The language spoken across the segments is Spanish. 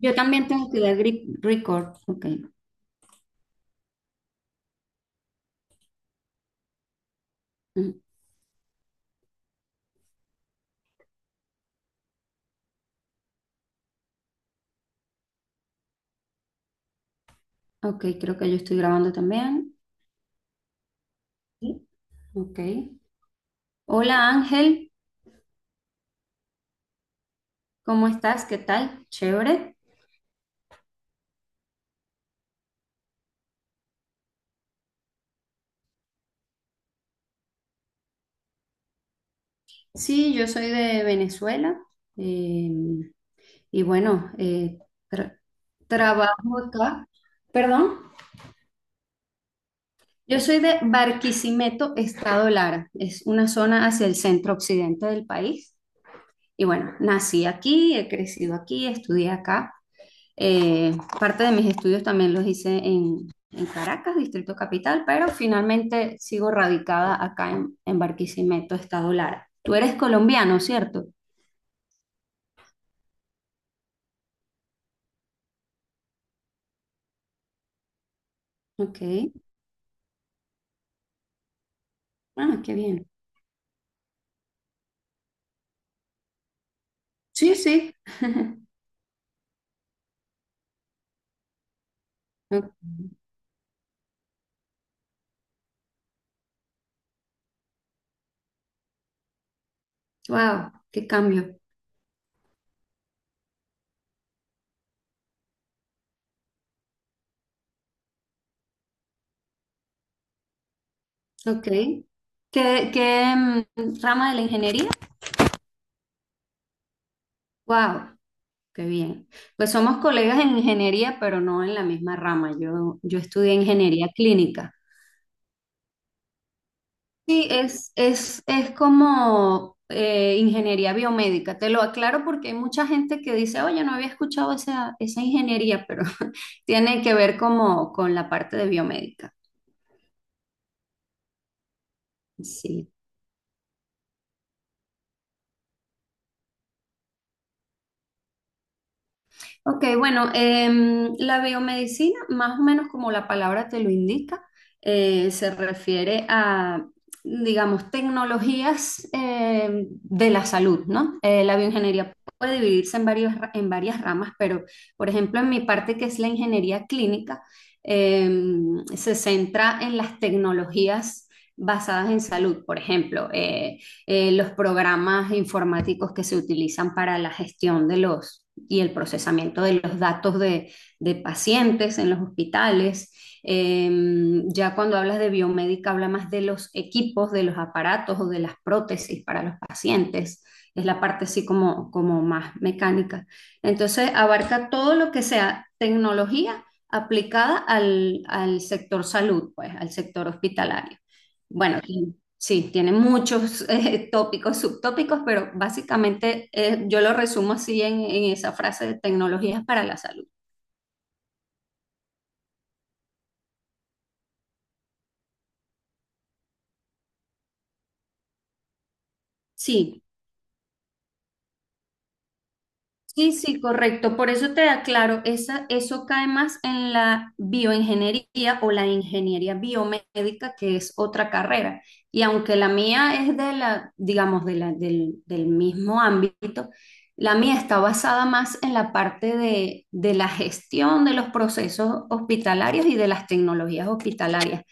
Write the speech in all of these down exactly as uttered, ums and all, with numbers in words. Yo también tengo que dar gri- record. Ok. Mm. Ok, creo que yo estoy grabando también. Sí. Ok. Hola Ángel, ¿cómo estás? ¿Qué tal? Chévere. Sí, yo soy de Venezuela. eh, y bueno, eh, tra- trabajo acá. Perdón. Yo soy de Barquisimeto, Estado Lara. Es una zona hacia el centro occidente del país. Y bueno, nací aquí, he crecido aquí, estudié acá. Eh, Parte de mis estudios también los hice en, en Caracas, Distrito Capital, pero finalmente sigo radicada acá en, en Barquisimeto, Estado Lara. Tú eres colombiano, ¿cierto? Ok. Ah, qué bien. Sí, sí. Wow, qué cambio. Ok. ¿Qué, qué, mm, rama de la ingeniería? Wow, qué bien. Pues somos colegas en ingeniería, pero no en la misma rama. Yo, yo estudié ingeniería clínica. Sí, es, es, es como eh, ingeniería biomédica. Te lo aclaro porque hay mucha gente que dice, oye, no había escuchado esa, esa ingeniería, pero tiene que ver como con la parte de biomédica. Sí. Ok, bueno, em, la biomedicina, más o menos como la palabra te lo indica, eh, se refiere a, digamos, tecnologías em, de la salud, ¿no? Eh, la bioingeniería puede dividirse en varios, ra- en varias ramas, pero, por ejemplo, en mi parte, que es la ingeniería clínica, em, se centra en las tecnologías basadas en salud, por ejemplo. Eh, eh, los programas informáticos que se utilizan para la gestión de los y el procesamiento de los datos de, de pacientes en los hospitales. Eh, ya cuando hablas de biomédica, habla más de los equipos, de los aparatos o de las prótesis para los pacientes. Es la parte así como, como más mecánica. Entonces, abarca todo lo que sea tecnología aplicada al, al sector salud, pues, al sector hospitalario. Bueno, sí, tiene muchos eh, tópicos, subtópicos, pero básicamente eh, yo lo resumo así en, en esa frase de tecnologías para la salud. Sí, sí, sí, correcto. Por eso te aclaro, esa, eso cae más en la bioingeniería o la ingeniería biomédica, que es otra carrera. Y aunque la mía es de la, digamos, de la, del, del mismo ámbito, la mía está basada más en la parte de, de la gestión de los procesos hospitalarios y de las tecnologías hospitalarias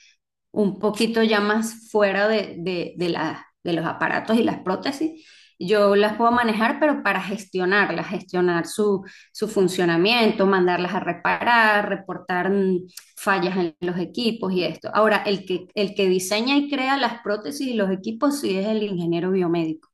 un poquito ya más fuera de, de, de la- de los aparatos y las prótesis. Yo las puedo manejar, pero para gestionarlas, gestionar su, su funcionamiento, mandarlas a reparar, reportar mm, fallas en los equipos y esto. Ahora, el que, el que diseña y crea las prótesis y los equipos sí es el ingeniero biomédico.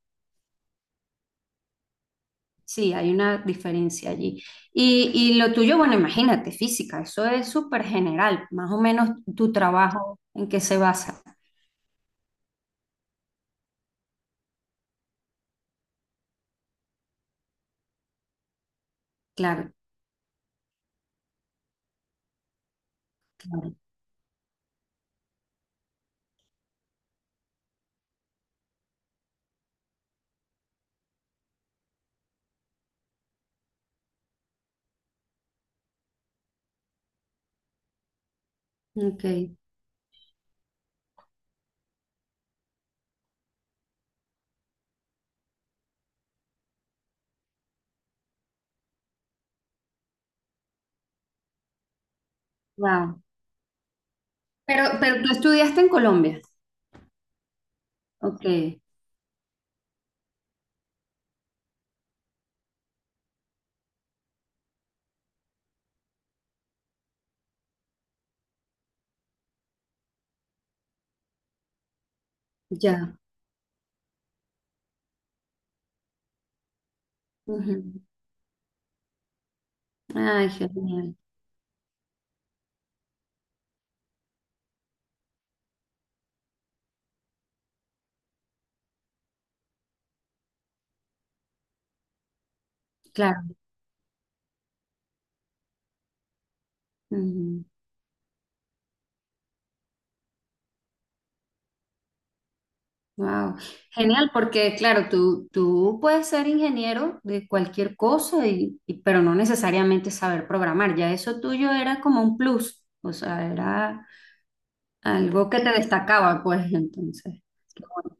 Sí, hay una diferencia allí. Y, y lo tuyo, bueno, imagínate, física, eso es súper general, más o menos tu trabajo en qué se basa. Claro, claro. Ok, wow. Pero, pero tú estudiaste en Colombia. Ok, ya. Ujú. Ay, genial. Claro. Wow. Genial, porque claro, tú, tú puedes ser ingeniero de cualquier cosa, y, y- pero no necesariamente saber programar. Ya eso tuyo era como un plus, o sea, era algo que te destacaba, pues entonces. Qué bueno,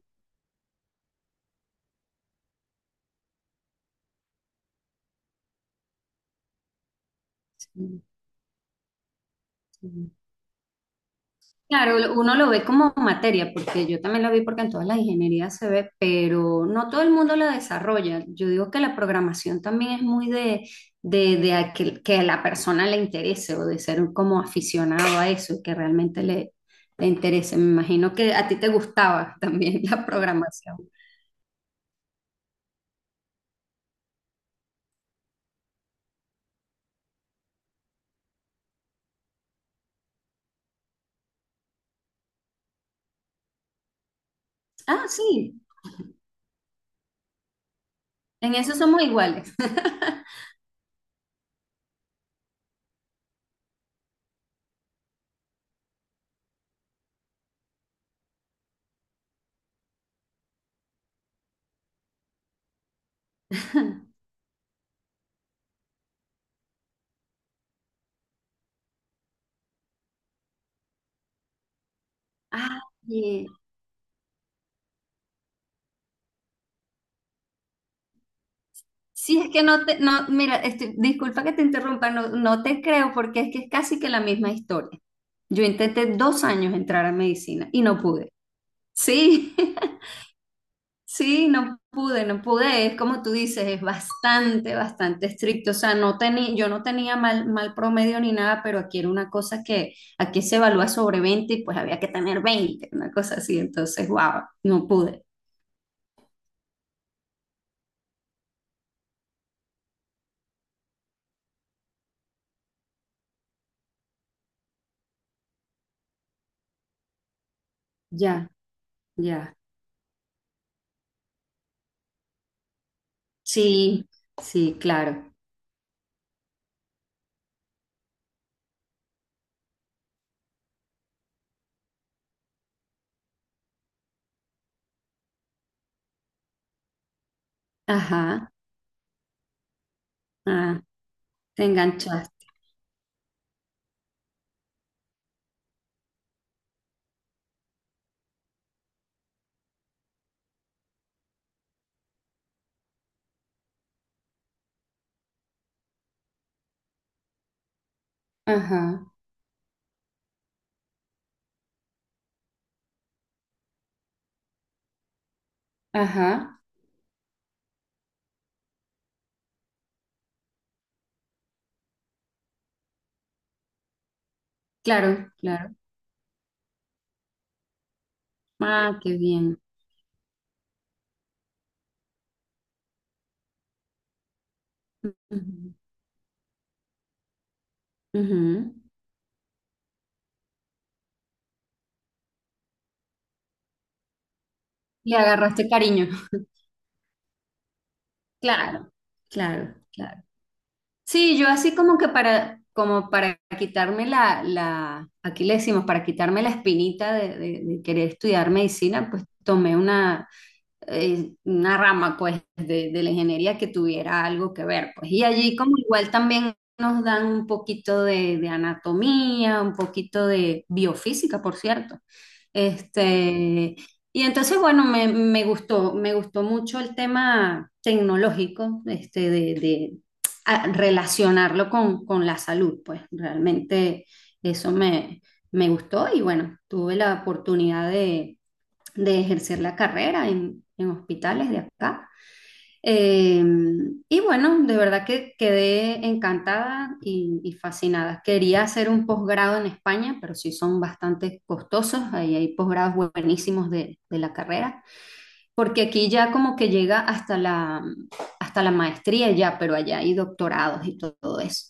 sí, sí. Claro, lo- uno lo ve como materia, porque yo también lo vi porque en todas las ingenierías se ve, pero no todo el mundo la desarrolla. Yo digo que la programación también es muy de, de, de aquel- que a la persona le interese o de ser como aficionado a eso, que realmente le, le interese. Me imagino que a ti te gustaba también la programación. Ah, sí, en eso somos iguales. Ah, si es que no te, no, mira, estoy- disculpa que te interrumpa, no, no te creo porque es que es casi que la misma historia. Yo intenté dos años entrar a medicina y no pude. Sí, sí, no pude, no pude. Es como tú dices, es bastante, bastante estricto. O sea, no tenía, yo no tenía mal, mal promedio ni nada, pero aquí era una cosa que aquí se evalúa sobre veinte y pues había que tener veinte una cosa así. Entonces, wow, no pude. Ya, ya. Sí, sí, claro. Ajá. Ah. Te enganchaste. Ajá, ajá. Claro, claro. Ah, qué bien. Ujú, ujú. Le agarraste cariño. Claro, claro, claro. Sí, yo así como que para, como para quitarme la, la, aquí le decimos, para quitarme la espinita de, de- de querer estudiar medicina, pues tomé una, eh, una rama pues de, de la ingeniería que tuviera algo que ver, pues. Y allí como igual también nos dan un poquito de, de anatomía, un poquito de biofísica, por cierto. Este, y entonces, bueno, me, me gustó, me gustó mucho el tema tecnológico, este, de, de, a- relacionarlo con, con la salud, pues realmente eso me, me gustó y bueno, tuve la oportunidad de ejercer la carrera en, en hospitales de acá. Eh, y bueno, de verdad que quedé encantada y, y fascinada. Quería hacer un posgrado en España, pero sí son bastante costosos. Ahí hay posgrados buenísimos de, de la carrera, porque aquí ya como que llega hasta la, hasta la maestría ya, pero allá hay doctorados y todo eso.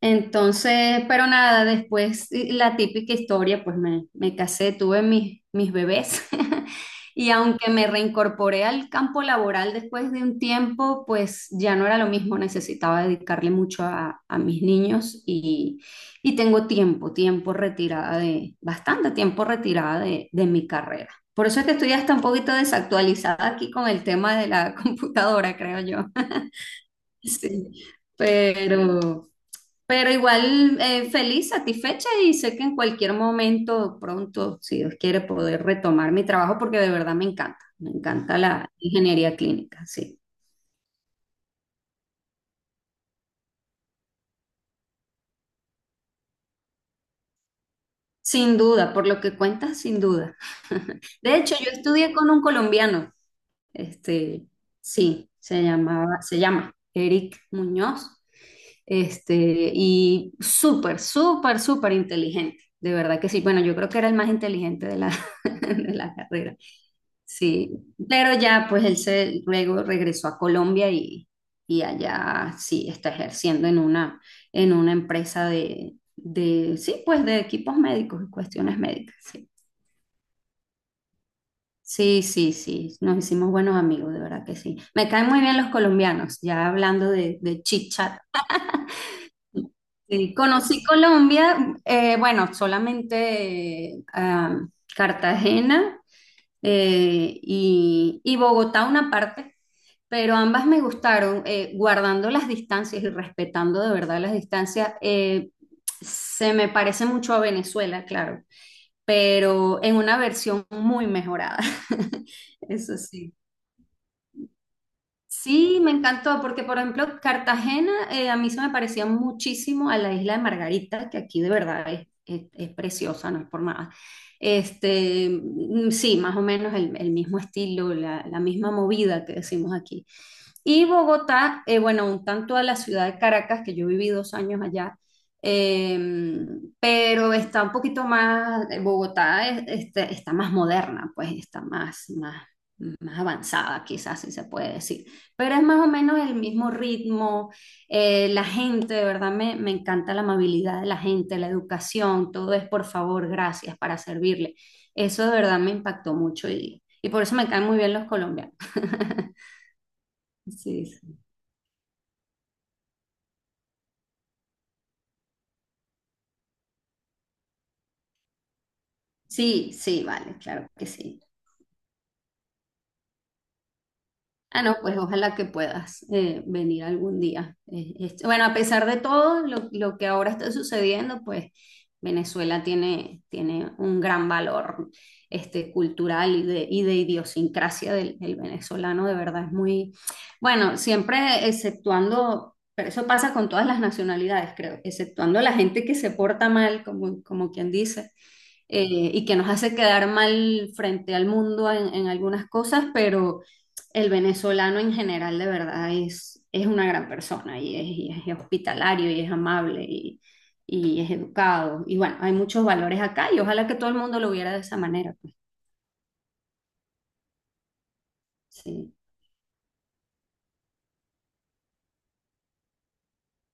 Entonces, pero nada, después y- la típica historia, pues me, me casé, tuve mis, mis bebés y aunque me reincorporé al campo laboral después de un tiempo, pues ya no era lo mismo, necesitaba dedicarle mucho a, a mis niños y, y tengo tiempo, tiempo retirada de, bastante tiempo retirada de, de mi carrera. Por eso es que estoy hasta un poquito desactualizada aquí con el tema de la computadora, creo yo. Sí, pero... Pero igual eh, feliz, satisfecha y sé que en cualquier momento, pronto, si Dios quiere, poder retomar mi trabajo porque de verdad me encanta, me encanta la ingeniería clínica, sí. Sin duda, por lo que cuentas, sin duda. De hecho, yo estudié con un colombiano, este, sí, se llamaba, se llama Eric Muñoz, este, y súper, súper, súper inteligente, de verdad que sí. Bueno, yo creo que era el más inteligente de la, de la carrera. Sí, pero ya pues él se luego regresó a Colombia y, y allá sí está ejerciendo en una, en una, empresa de, de, sí, pues de equipos médicos y cuestiones médicas, sí. Sí, sí, sí, nos hicimos buenos amigos, de verdad que sí. Me caen muy bien los colombianos, ya hablando de, de chit chat. Sí, conocí Colombia, eh, bueno, solamente eh, ah, Cartagena eh, y, y Bogotá una parte, pero ambas me gustaron, eh, guardando las distancias y respetando de verdad las distancias. Eh, se me parece mucho a Venezuela, claro, pero en una versión muy mejorada. Eso sí. Sí, me encantó, porque por ejemplo, Cartagena eh, a mí se me parecía muchísimo a la isla de Margarita, que aquí de verdad es, es- es preciosa, no es por nada. Este, mm, sí, más o menos el, el mismo estilo, la, la misma movida que decimos aquí. Y Bogotá, eh, bueno, un tanto a la ciudad de Caracas, que yo viví dos años allá, eh, pero está un poquito más, eh, Bogotá es- este, está más moderna, pues está más, más, más avanzada, quizás si se puede decir. Pero es más o menos el mismo ritmo, eh, la gente, de verdad me, me encanta la amabilidad de la gente, la educación, todo es por favor, gracias para servirle. Eso de verdad me impactó mucho y, y por eso me caen muy bien los colombianos. Sí, sí, sí, sí, vale, claro que sí. Ah, no, pues ojalá que puedas eh, venir algún día. Eh, es- bueno, a pesar de todo lo, lo que ahora está sucediendo, pues Venezuela tiene, tiene un gran valor este, cultural y de, y de idiosincrasia del, del venezolano, de verdad es muy, bueno, siempre exceptuando, pero eso pasa con todas las nacionalidades, creo, exceptuando la gente que se porta mal, como, como quien dice eh, y que nos hace quedar mal frente al mundo en, en algunas cosas, pero el venezolano en general de verdad es, es una gran persona y es, y es hospitalario y es amable y, y es educado. Y bueno, hay muchos valores acá y ojalá que todo el mundo lo viera de esa manera, pues. Sí,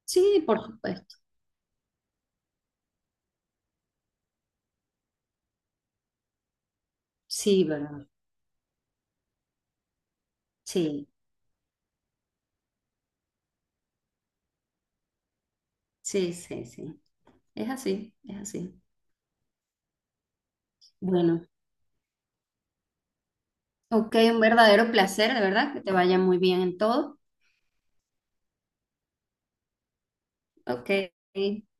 sí, por supuesto. Sí, ¿verdad? Sí, sí, sí, sí. Es así, es así. Bueno, ok, un verdadero placer, de verdad, que te vaya muy bien en todo. Ok,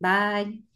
bye.